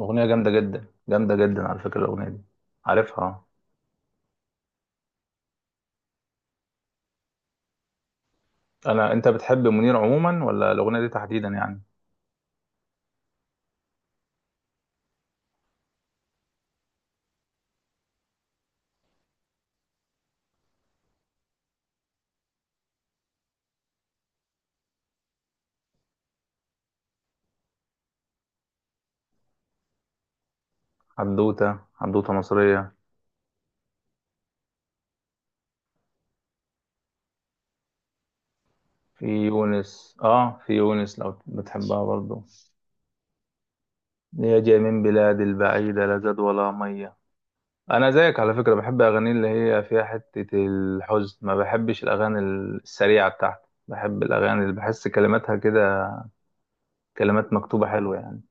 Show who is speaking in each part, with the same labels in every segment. Speaker 1: أغنية جامدة جدا جامدة جدا، على فكرة الأغنية دي، عارفها آه. أنت بتحب منير عموما، ولا الأغنية دي تحديدا يعني؟ حدوتة مصرية. في يونس لو بتحبها برضو. يا جاي من بلاد البعيدة، لا زاد ولا مية. أنا زيك على فكرة، بحب أغاني اللي هي فيها حتة الحزن، ما بحبش الأغاني السريعة، بتاعتي بحب الأغاني اللي بحس كلماتها كده، كلمات مكتوبة حلوة يعني.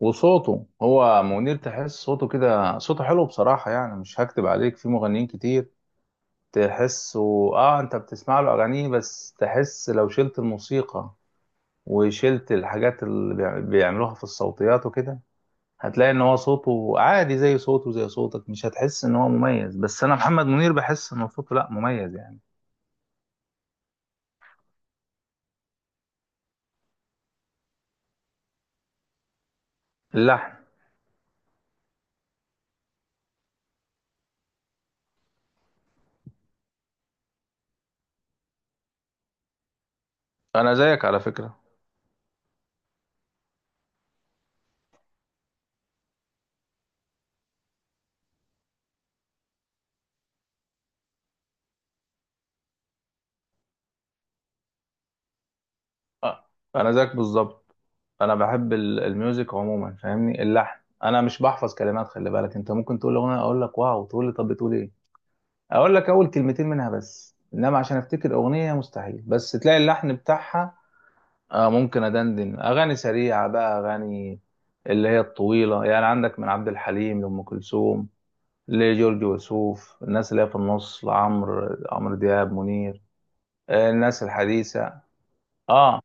Speaker 1: وصوته، هو منير تحس صوته كده، صوته حلو بصراحة يعني، مش هكتب عليك في مغنيين كتير تحسه. اه، انت بتسمع له اغانيه بس تحس لو شلت الموسيقى وشلت الحاجات اللي بيعملوها في الصوتيات وكده، هتلاقي ان هو صوته عادي زي صوته زي صوتك، مش هتحس ان هو مميز، بس انا محمد منير بحس ان صوته لا مميز يعني. اللحن. انا زيك على فكرة آه، انا زيك بالظبط. انا بحب الميوزك عموما فاهمني، اللحن، انا مش بحفظ كلمات. خلي بالك انت ممكن تقول اغنيه اقول لك واو، تقول لي طب بتقول ايه، اقول لك اول كلمتين منها بس، انما عشان افتكر اغنيه مستحيل، بس تلاقي اللحن بتاعها. آه، ممكن ادندن اغاني سريعه بقى، اغاني اللي هي الطويله يعني، عندك من عبد الحليم لام كلثوم، لجورج وسوف، الناس اللي هي في النص، لعمرو دياب، منير، آه، الناس الحديثه. اه،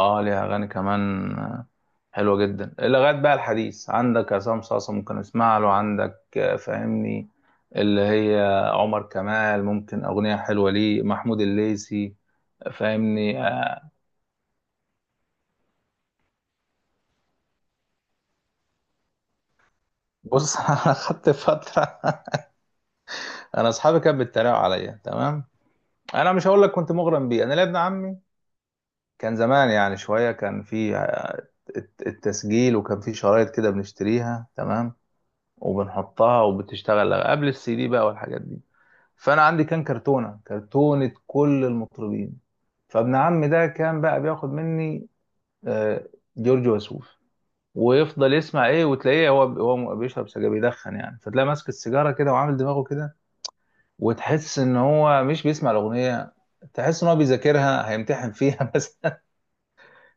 Speaker 1: اه، ليها اغاني كمان آه، حلوه جدا. لغايه بقى الحديث، عندك عصام صاصا ممكن اسمع له، عندك آه، فاهمني، اللي هي عمر كمال، ممكن اغنيه حلوه ليه، محمود الليثي، فاهمني آه. بص، انا خدت فتره. انا، اصحابي كانوا بيتريقوا عليا تمام. انا مش هقول لك كنت مغرم بيه. انا ليا ابن عمي كان زمان يعني شويه، كان في التسجيل، وكان في شرايط كده بنشتريها تمام، وبنحطها وبتشتغل قبل السي دي بقى والحاجات دي. فانا عندي كان كرتونه كل المطربين. فابن عمي ده كان بقى بياخد مني آه، جورج وسوف، ويفضل يسمع ايه، وتلاقيه هو بيشرب سجاير بيدخن يعني، فتلاقيه ماسك السيجاره كده وعامل دماغه كده، وتحس ان هو مش بيسمع الاغنيه. تحس ان هو بيذاكرها هيمتحن فيها بس.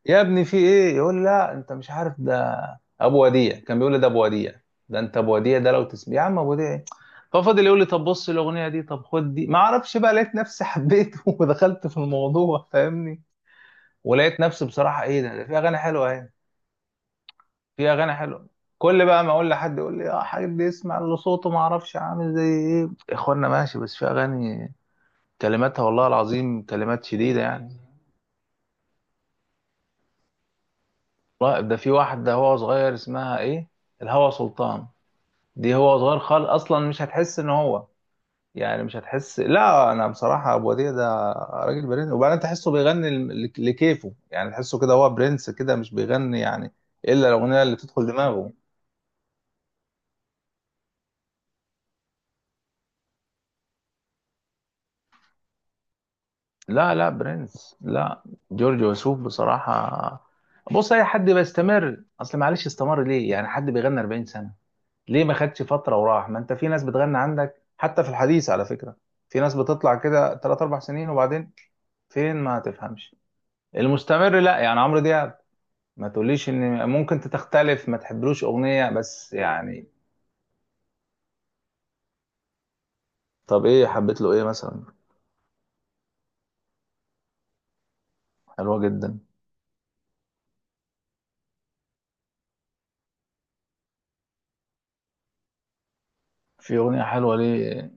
Speaker 1: يا ابني في ايه؟ يقول لا انت مش عارف ده، ابو وديع، كان بيقول لي ده ابو وديع، ده انت ابو وديع ده لو تسمع يا عم، ابو وديع ايه. ففضل يقول لي طب بص الاغنيه دي، طب خد دي، ما اعرفش بقى، لقيت نفسي حبيته ودخلت في الموضوع فاهمني. ولقيت نفسي بصراحه ايه ده، في اغاني حلوه اهي، في اغاني حلوه. كل بقى ما اقول لحد يقول لي اه، حد يسمع اللي صوته ما اعرفش عامل زي ايه، يا اخوانا ماشي، بس في اغاني كلماتها والله العظيم كلمات شديده يعني. والله ده في واحده هو صغير، اسمها ايه، الهوى سلطان. دي هو صغير خالص اصلا، مش هتحس ان هو يعني، مش هتحس، لا. انا بصراحه ابو وديع ده راجل برنس، وبعدين تحسه بيغني لكيفه يعني، تحسه كده هو برنس كده، مش بيغني يعني الا الاغنيه اللي تدخل دماغه. لا، لا، برنس، لا. جورج وسوف بصراحه. بص اي حد بيستمر، اصل معلش، استمر ليه يعني؟ حد بيغني 40 سنه، ليه ما خدش فتره وراح؟ ما انت في ناس بتغني، عندك حتى في الحديث على فكره، في ناس بتطلع كده 3 4 سنين وبعدين فين، ما تفهمش. المستمر لا يعني عمرو دياب، ما تقوليش ان ممكن تختلف ما تحبلوش اغنيه بس يعني. طب ايه حبيت له؟ ايه مثلا؟ حلوة جدا. في اغنيه حلوه ليه،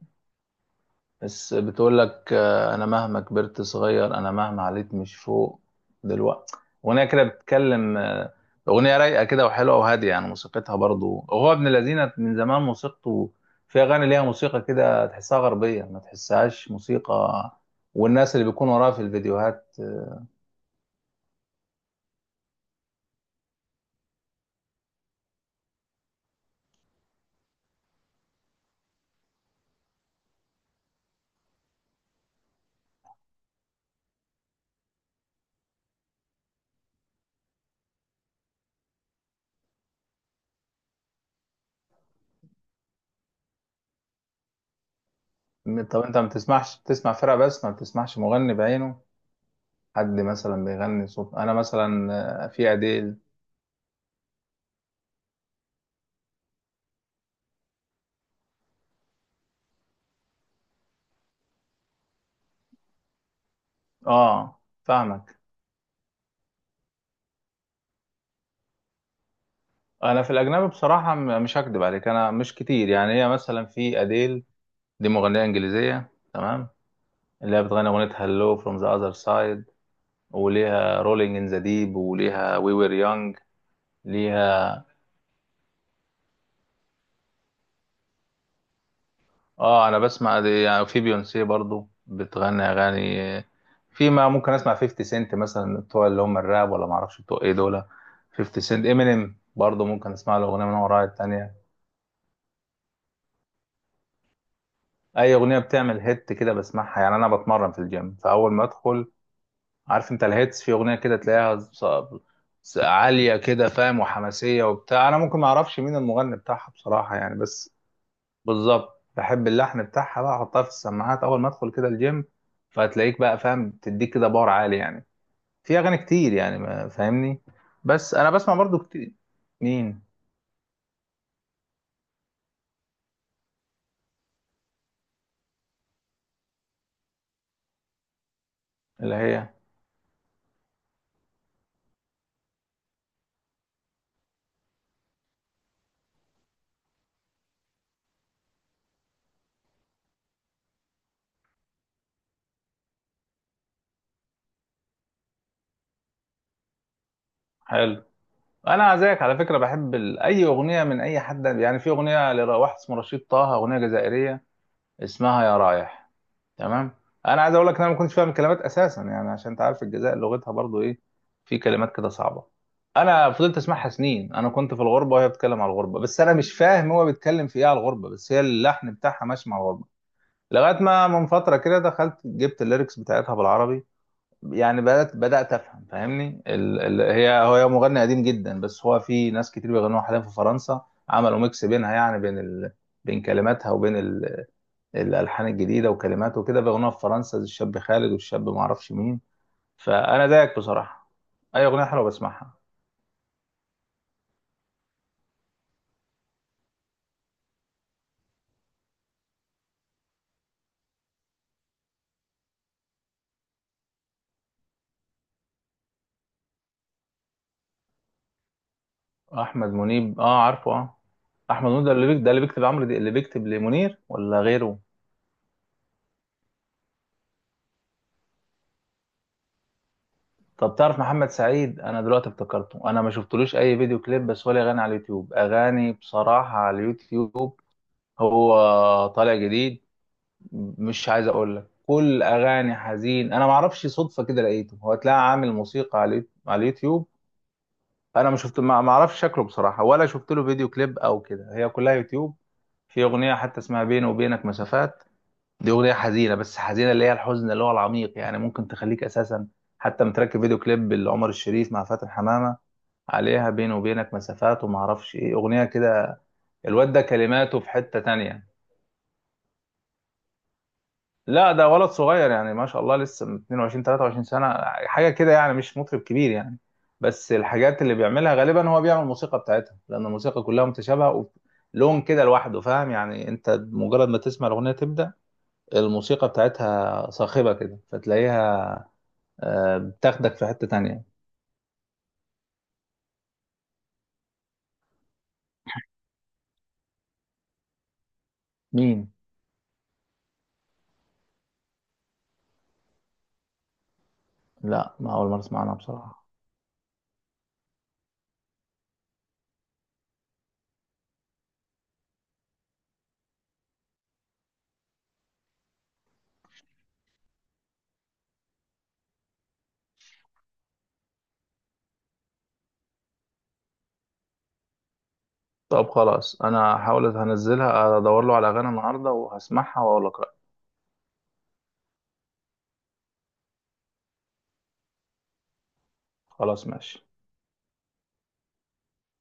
Speaker 1: بس بتقول لك آه، انا مهما كبرت صغير، انا مهما عليت مش فوق، دلوقتي. اغنيه كده بتتكلم آه، اغنيه رايقه كده وحلوه وهاديه يعني، موسيقتها برضو هو ابن الذين من زمان موسيقته، في اغاني ليها موسيقى كده تحسها غربيه، ما تحسهاش موسيقى، والناس اللي بيكون وراها في الفيديوهات. طب انت ما بتسمعش، بتسمع فرقة بس ما بتسمعش مغني بعينه، حد مثلا بيغني صوت، انا مثلا آه، في اديل. اه، فاهمك. انا في الاجنبي بصراحة مش هكدب عليك، انا مش كتير يعني، هي مثلا في اديل، دي مغنية انجليزية تمام، اللي هي بتغني اغنية هالو فروم ذا اذر سايد، وليها رولينج ان ذا ديب، وليها وي وير يونج ليها. اه، انا بسمع دي يعني. في بيونسي برضو بتغني اغاني، في ما ممكن اسمع 50 سنت مثلا، بتوع اللي هم الراب ولا ما اعرفش بتوع ايه دول. 50 سنت، امينيم برضو، ممكن اسمع له اغنيه من وراء التانية. اي اغنيه بتعمل هيت كده بسمعها يعني، انا بتمرن في الجيم فاول ما ادخل عارف انت الهيتس، في اغنيه كده تلاقيها عاليه كده فاهم، وحماسيه وبتاع. انا ممكن ما اعرفش مين المغني بتاعها بصراحه يعني، بس بالظبط بحب اللحن بتاعها، بقى احطها في السماعات اول ما ادخل كده الجيم، فهتلاقيك بقى فاهم تديك كده باور عالي يعني، في اغاني كتير يعني، ما فاهمني. بس انا بسمع برضو كتير. مين؟ اللي هي حلو. انا زيك على فكره بحب اي اغنيه من اي حد يعني. في اغنيه لواحد اسمه رشيد طه، اغنيه جزائريه اسمها يا رايح، تمام. انا عايز اقول لك ان انا ما كنتش فاهم الكلمات اساسا يعني، عشان انت عارف الجزائر لغتها برضو ايه، في كلمات كده صعبه. انا فضلت اسمعها سنين، انا كنت في الغربه وهي بتتكلم على الغربه، بس انا مش فاهم هو بيتكلم في ايه على الغربه، بس هي اللحن بتاعها ماشي مع الغربه. لغايه ما من فتره كده دخلت جبت الليركس بتاعتها بالعربي، يعني بدات افهم فاهمني. هي، هو مغني قديم جدا، بس هو في ناس كتير بيغنوها حاليا في فرنسا، عملوا ميكس بينها، يعني بين بين كلماتها وبين الالحان الجديده وكلماته وكده، باغنيه في فرنسا زي الشاب خالد والشاب ما اعرفش مين. فانا زيك بصراحه، اي اغنيه حلوه بسمعها. احمد منيب اه، عارفه اه. احمد منيب ده اللي بيكتب، ده اللي بيكتب عمرو، دي اللي بيكتب لمنير ولا غيره؟ طب تعرف محمد سعيد؟ انا دلوقتي افتكرته. انا ما شفتلوش اي فيديو كليب، بس هو ليه اغاني على اليوتيوب، اغاني بصراحه على اليوتيوب، هو طالع جديد. مش عايز اقول لك كل اغاني حزين، انا ما اعرفش صدفه كده لقيته، هو تلاقي عامل موسيقى على على اليوتيوب. انا ما شفت ما اعرفش شكله بصراحه، ولا شفت له فيديو كليب او كده، هي كلها يوتيوب. في اغنيه حتى اسمها بيني وبينك مسافات، دي اغنيه حزينه، بس حزينه اللي هي الحزن اللي هو العميق يعني، ممكن تخليك اساسا حتى متركب فيديو كليب لعمر الشريف مع فاتن حمامه، عليها بيني وبينك مسافات، وما اعرفش ايه اغنيه كده. الواد ده كلماته في حته تانية. لا، ده ولد صغير يعني ما شاء الله، لسه من 22 23 سنة حاجة كده يعني، مش مطرب كبير يعني. بس الحاجات اللي بيعملها غالبا هو بيعمل الموسيقى بتاعتها، لأن الموسيقى كلها متشابهة ولون كده لوحده فاهم يعني، أنت مجرد ما تسمع الأغنية تبدأ الموسيقى بتاعتها صاخبة كده فتلاقيها آه، بتاخدك في حتة تانية. مين؟ لا، ما أول مرة أسمع عنها بصراحة. طب خلاص، أنا هحاول هنزلها، أدور له على أغاني النهاردة وهسمعها وأقول لك رأيي. خلاص ماشي.